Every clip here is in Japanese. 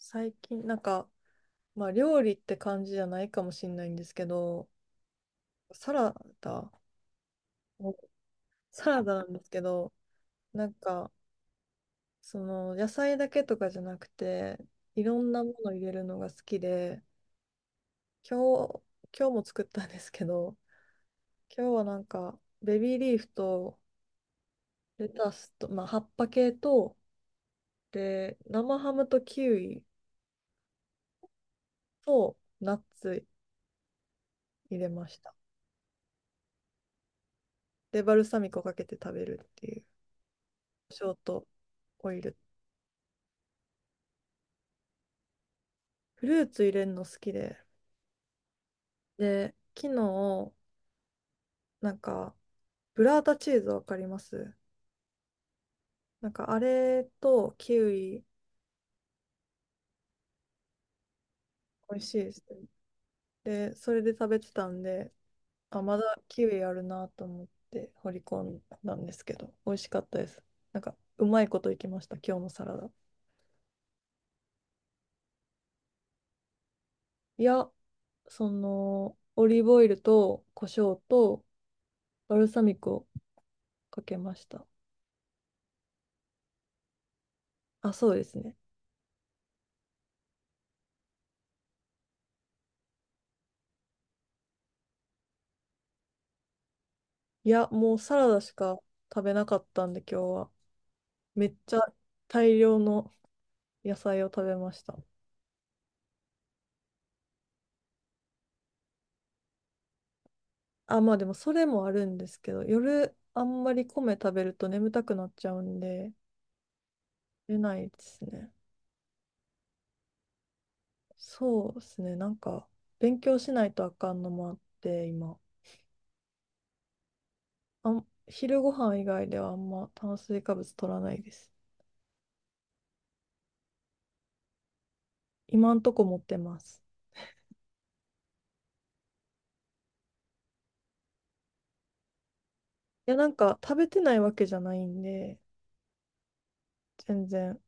最近、まあ、料理って感じじゃないかもしれないんですけど、サラダ、おサラダなんですけど、なんか、その、野菜だけとかじゃなくて、いろんなもの入れるのが好きで、今日、今日も作ったんですけど、今日はなんか、ベビーリーフと、レタスと、まあ、葉っぱ系と、で、生ハムとキウイと、ナッツ入れました。で、バルサミコかけて食べるっていう、ショートオイルフルーツ入れるの好きで。で、昨日、なんか、ブラータチーズわかります？なんか、あれとキウイ、美味しいです。で、それで食べてたんで、あ、まだキウイあるなと思って掘り込んだんですけど、美味しかったです。なんか、うまいこといきました、今日のサラダ。いや、その、オリーブオイルと胡椒とバルサミコをかけました。あ、そうですね。いや、もうサラダしか食べなかったんで、今日は。めっちゃ大量の野菜を食べました。あ、まあでもそれもあるんですけど、夜あんまり米食べると眠たくなっちゃうんで、出ないですね。そうですね。なんか、勉強しないとあかんのもあって、今。昼ご飯以外ではあんま炭水化物取らないです。今んとこ持ってます。いや、なんか食べてないわけじゃないんで、全然。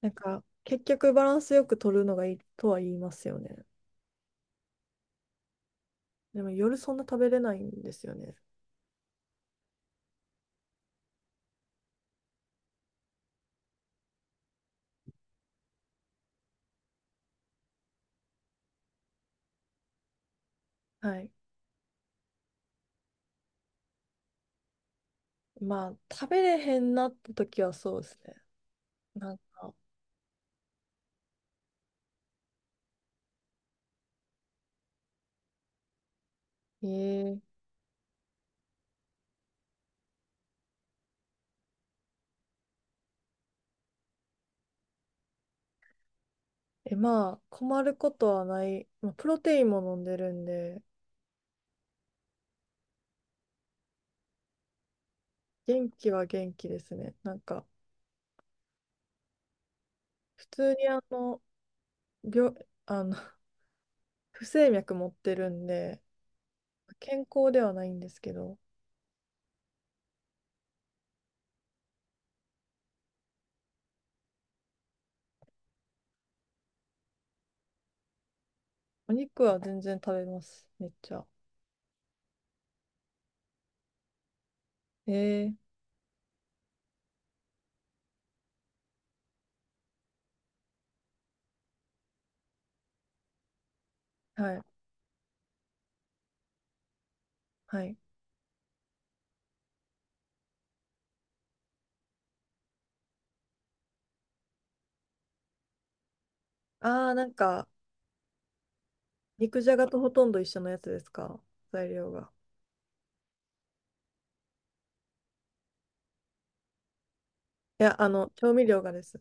なんか、結局バランスよく取るのがいいとは言いますよね。でも夜そんな食べれないんですよね。はい。まあ、食べれへんなった時はそうですね。なんか、えー、え、まあ、困ることはない。まあ、プロテインも飲んでるんで、元気は元気ですね。なんか、普通にあの、病、あの、不整脈持ってるんで、健康ではないんですけど、お肉は全然食べます。めっちゃ。えー、はい、はい。あー、なんか、肉じゃがとほとんど一緒のやつですか？材料が。いや、あの、調味料がです。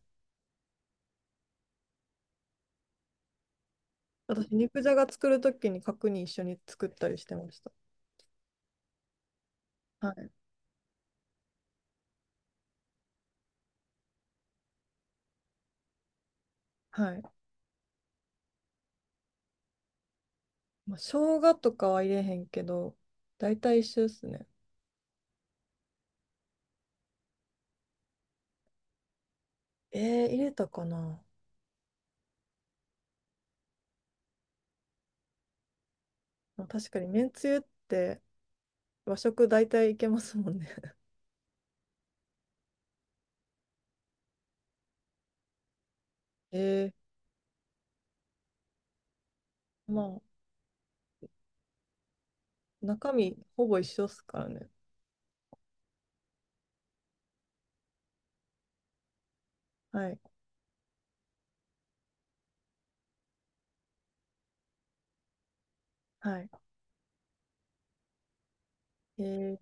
私、肉じゃが作るときに角煮一緒に作ったりしてました。はい。はい。まあ、生姜とかは入れへんけど、大体一緒ですね。えー、入れたかな。まあ、確かに、めんつゆって和食大体いけますもんね。えー、まあ、中身ほぼ一緒っすからね。はい。はい。えー、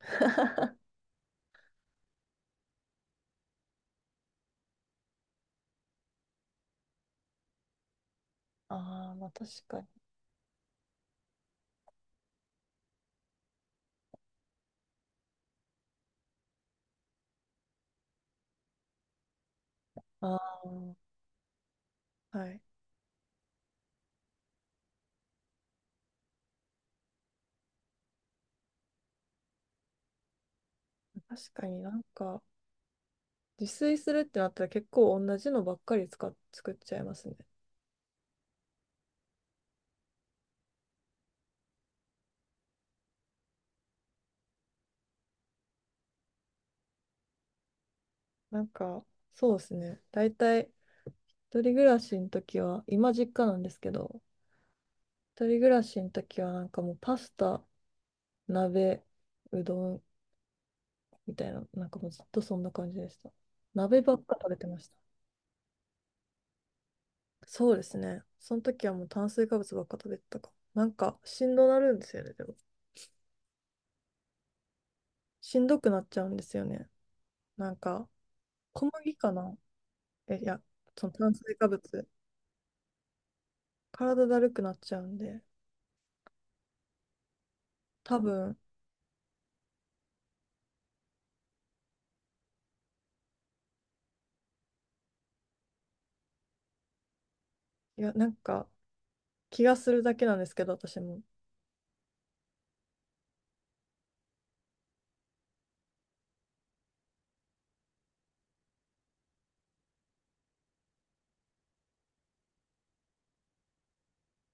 ああ、まあ確かに。ああ、はい。確かになんか、自炊するってなったら結構同じのばっかり使っ、作っちゃいますね。なんか、そうですね。大体、一人暮らしの時は、今実家なんですけど、一人暮らしの時は、なんかもうパスタ、鍋、うどんみたいな、なんかもうずっとそんな感じでした。鍋ばっか食べてました。そうですね。その時はもう炭水化物ばっか食べてたかも。なんか、しんどなるんですよね、でも。しんどくなっちゃうんですよね。なんか、小麦かな？え、いや、その炭水化物。体だるくなっちゃうんで、多分、いや、なんか、気がするだけなんですけど、私も。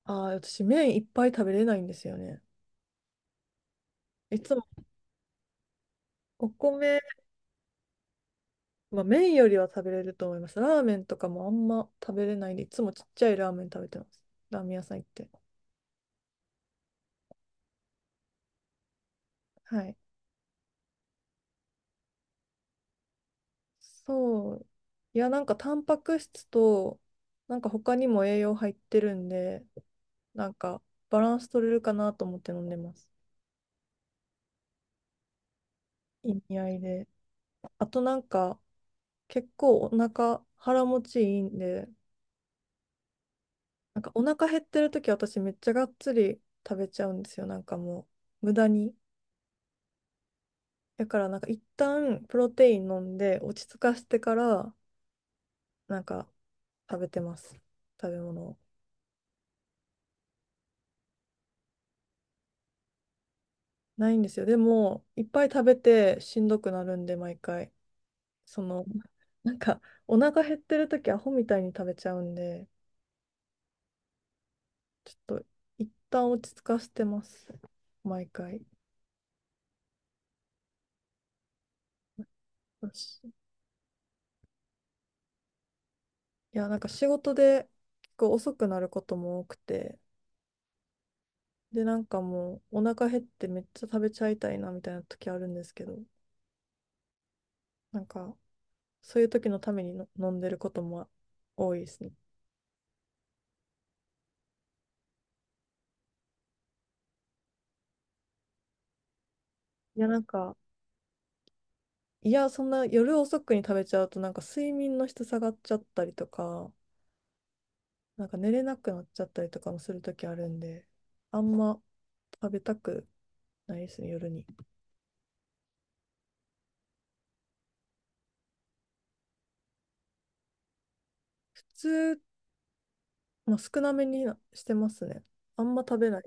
ああ、私、麺いっぱい食べれないんですよね。いつもお米、まあ、麺よりは食べれると思います。ラーメンとかもあんま食べれないんで、いつもちっちゃいラーメン食べてます。ラーメン屋さん行って。はい。そう。いや、なんかタンパク質と、なんか他にも栄養入ってるんで、なんかバランス取れるかなと思って飲んでます。意味合いで。あとなんか、結構お腹、腹持ちいいんで、なんかお腹減ってる時私めっちゃがっつり食べちゃうんですよ。なんかもう無駄に。だからなんか一旦プロテイン飲んで落ち着かしてからなんか食べてます。食べ物を。ないんですよ。でもいっぱい食べてしんどくなるんで毎回。その なんかお腹減ってる時アホみたいに食べちゃうんでちょっと一旦落ち着かしてます。毎回。よしいやなんか仕事で結構遅くなることも多くて。で、なんかもうお腹減ってめっちゃ食べちゃいたいなみたいな時あるんですけど、なんかそういう時のためにの飲んでることも多いですね。いや、なんか、いや、そんな夜遅くに食べちゃうとなんか睡眠の質下がっちゃったりとか、なんか寝れなくなっちゃったりとかもする時あるんで、あんま食べたくないですね、夜に。普通、まあ、少なめになしてますね。あんま食べない。